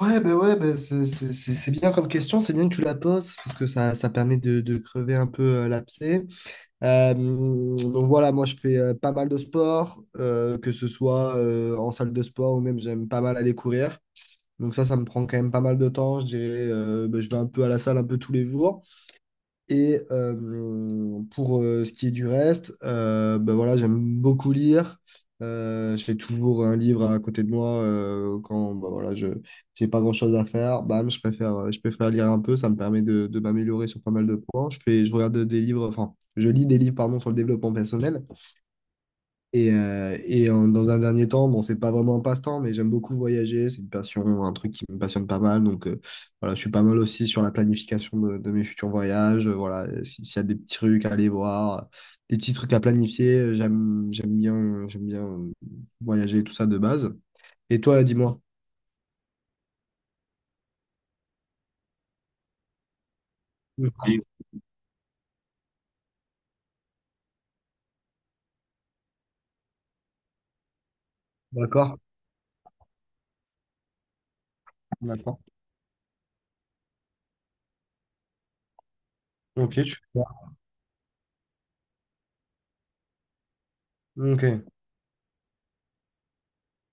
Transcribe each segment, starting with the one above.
Ouais, ben c'est bien comme question, c'est bien que tu la poses, parce que ça permet de crever un peu l'abcès. Donc voilà, moi je fais pas mal de sport, que ce soit en salle de sport ou même j'aime pas mal aller courir. Donc ça me prend quand même pas mal de temps, je dirais, ben, je vais un peu à la salle un peu tous les jours. Et pour ce qui est du reste, ben voilà, j'aime beaucoup lire. J'ai toujours un livre à côté de moi quand ben voilà, je j'ai pas grand-chose à faire. Bam, je préfère lire un peu. Ça me permet de m'améliorer sur pas mal de points. Je fais, je regarde des livres, enfin, je lis des livres pardon, sur le développement personnel. Et, et dans un dernier temps, bon, c'est pas vraiment un passe-temps, mais j'aime beaucoup voyager. C'est une passion, un truc qui me passionne pas mal. Donc, voilà, je suis pas mal aussi sur la planification de mes futurs voyages. Voilà, s'il y a des petits trucs à aller voir, des petits trucs à planifier, j'aime bien voyager, tout ça de base. Et toi, dis-moi. Mm. D'accord, d'accord. Ok, tu fais quoi? Ok,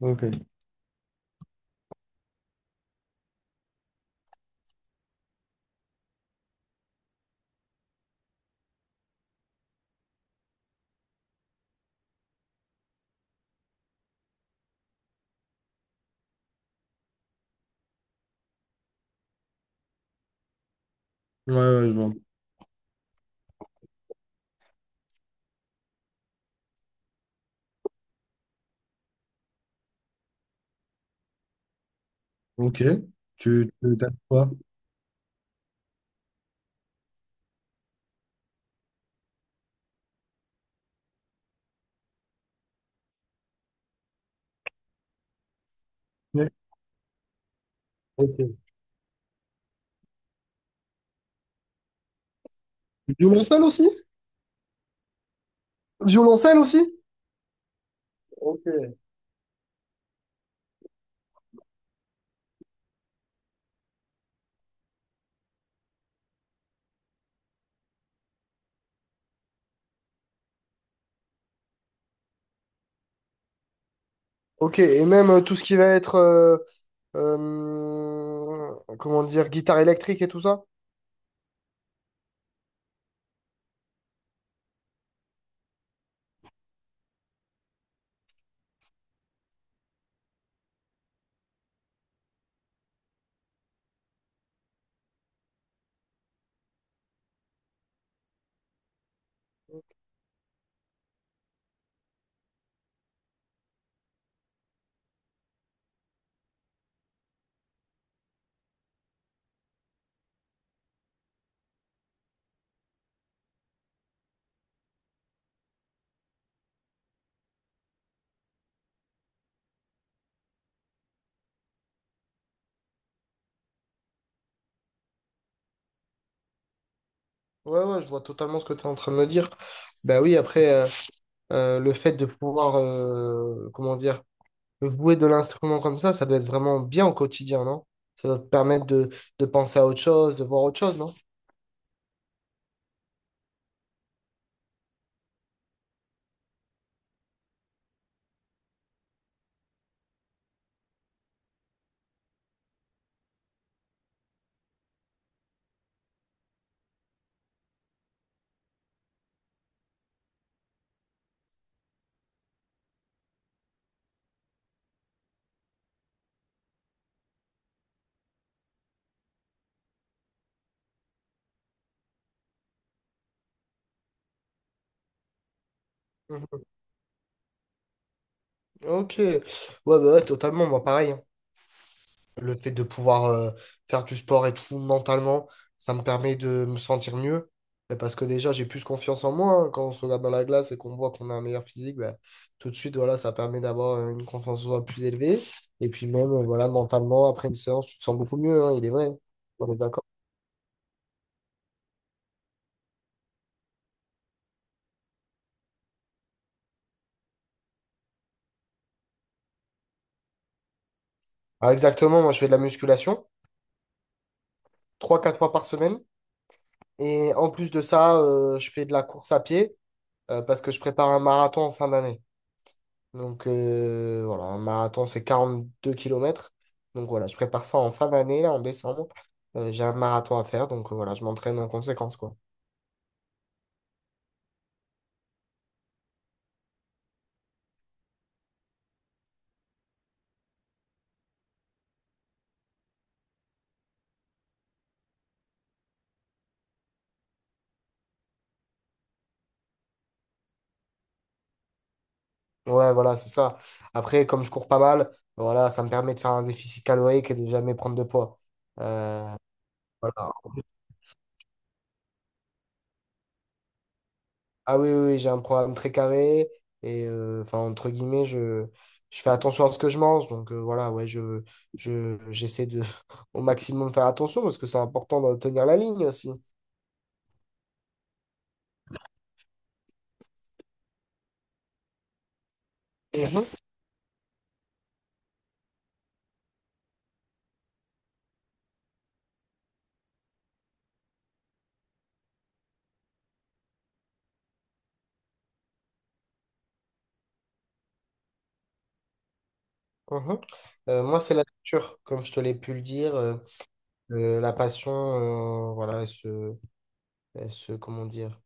ok. Ouais, ouais, je vois. Ok. Tu tapes quoi? Ouais. Ok. Violoncelle aussi? Violoncelle aussi? Ok, ok, et même tout ce qui va être, comment dire, guitare électrique et tout ça? Ouais, ouais, je vois totalement ce que tu es en train de me dire. Bah oui, après, le fait de pouvoir, comment dire, jouer de l'instrument comme ça doit être vraiment bien au quotidien, non? Ça doit te permettre de penser à autre chose, de voir autre chose, non? Mhm. Ok, ouais, bah ouais, totalement, moi pareil, hein. Le fait de pouvoir faire du sport et tout mentalement, ça me permet de me sentir mieux. Et parce que déjà, j'ai plus confiance en moi, hein. Quand on se regarde dans la glace et qu'on voit qu'on a un meilleur physique, bah, tout de suite, voilà, ça permet d'avoir une confiance en soi plus élevée. Et puis même, voilà, mentalement, après une séance, tu te sens beaucoup mieux, hein, il est vrai. On est d'accord. Alors exactement, moi, je fais de la musculation 3 4 fois par semaine. Et en plus de ça, je fais de la course à pied parce que je prépare un marathon en fin d'année. Donc voilà, un marathon, c'est 42 kilomètres. Donc voilà, je prépare ça en fin d'année, là, en décembre. J'ai un marathon à faire, donc voilà, je m'entraîne en conséquence, quoi. Voilà, ça. Après, voilà, quoi. Euh, voilà. Ah oui, j'ai un projet, et enfin, je, je pense, donc ah ouais, j'essaie de au maximum faire attention, parce que c'est important de tenir la ligne aussi. Mhm. Mhm. Moi, c'est la lecture, comme je te l'ai pu le dire. La passion, voilà, elle se, comment dire,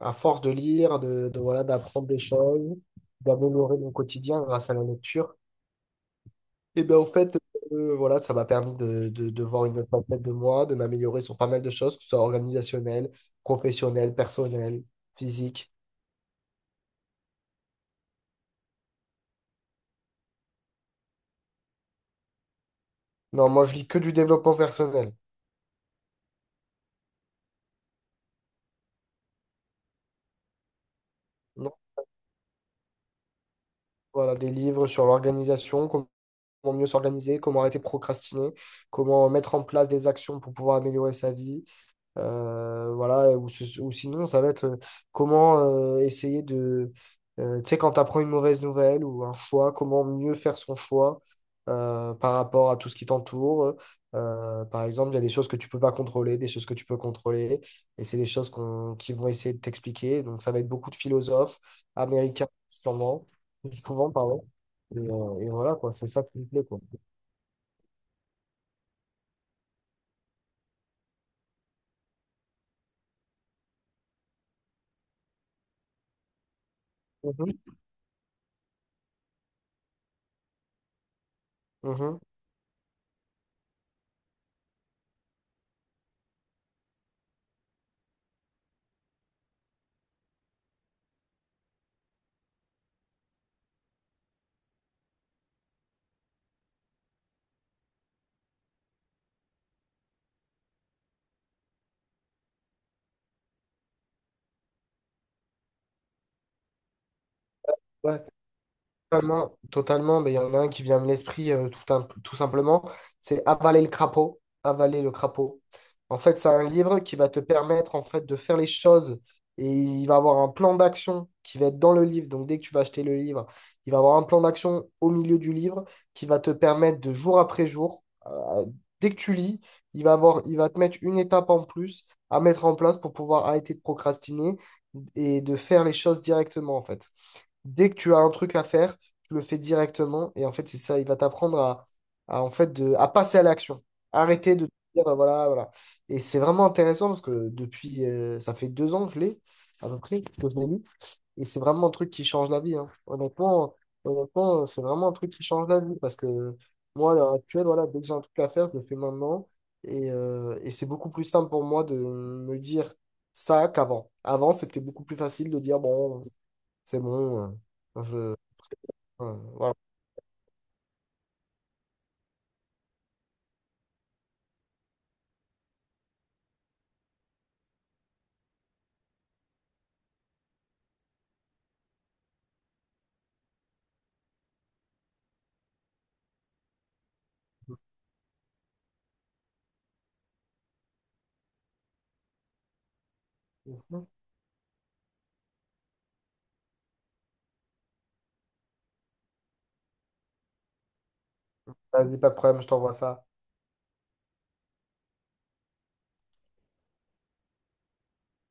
à force de lire, voilà, d'apprendre des choses, d'améliorer mon quotidien grâce à la lecture, et bien au fait, voilà, ça m'a permis de voir une autre facette de moi, de m'améliorer sur pas mal de choses, que ce soit organisationnel, professionnel, personnel, physique. Non, moi je lis que du développement personnel. Non, voilà, des livres sur l'organisation, comment mieux s'organiser, comment arrêter de procrastiner, comment mettre en place des actions pour pouvoir améliorer sa vie. Voilà, ou, ou sinon, ça va être comment essayer de. Tu sais, quand tu apprends une mauvaise nouvelle ou un choix, comment mieux faire son choix par rapport à tout ce qui t'entoure. Par exemple, il y a des choses que tu peux pas contrôler, des choses que tu peux contrôler, et c'est des choses qui vont essayer de t'expliquer. Donc, ça va être beaucoup de philosophes américains, sûrement, souvent, pardon. Et, et voilà, quoi, c'est ça qui me plaît, quoi. Mhm, mhm. Totalement, totalement, mais il y en a un qui vient de l'esprit tout, tout simplement, c'est avaler le crapaud, avaler le crapaud. En fait, c'est un livre qui va te permettre en fait de faire les choses et il va avoir un plan d'action qui va être dans le livre. Donc dès que tu vas acheter le livre, il va avoir un plan d'action au milieu du livre qui va te permettre de jour après jour, dès que tu lis, il va avoir, il va te mettre une étape en plus à mettre en place pour pouvoir arrêter de procrastiner et de faire les choses directement en fait dès que tu as un truc à faire, tu le fais directement. Et en fait, c'est ça, il va t'apprendre à, en fait, de, à passer à l'action. Arrêter de te dire, bah, voilà, voilà. Et c'est vraiment intéressant parce que depuis, ça fait 2 ans que je l'ai, à peu près, que je l'ai lu. Et c'est vraiment un truc qui change la vie, hein. Honnêtement, honnêtement, c'est vraiment un truc qui change la vie parce que moi, à l'heure actuelle, voilà, dès que j'ai un truc à faire, je le fais maintenant. Et, et c'est beaucoup plus simple pour moi de me dire ça qu'avant. Avant, c'était beaucoup plus facile de dire, bon, c'est bon. euh, je, euh, voilà. Vas-y, pas de problème, je t'envoie ça.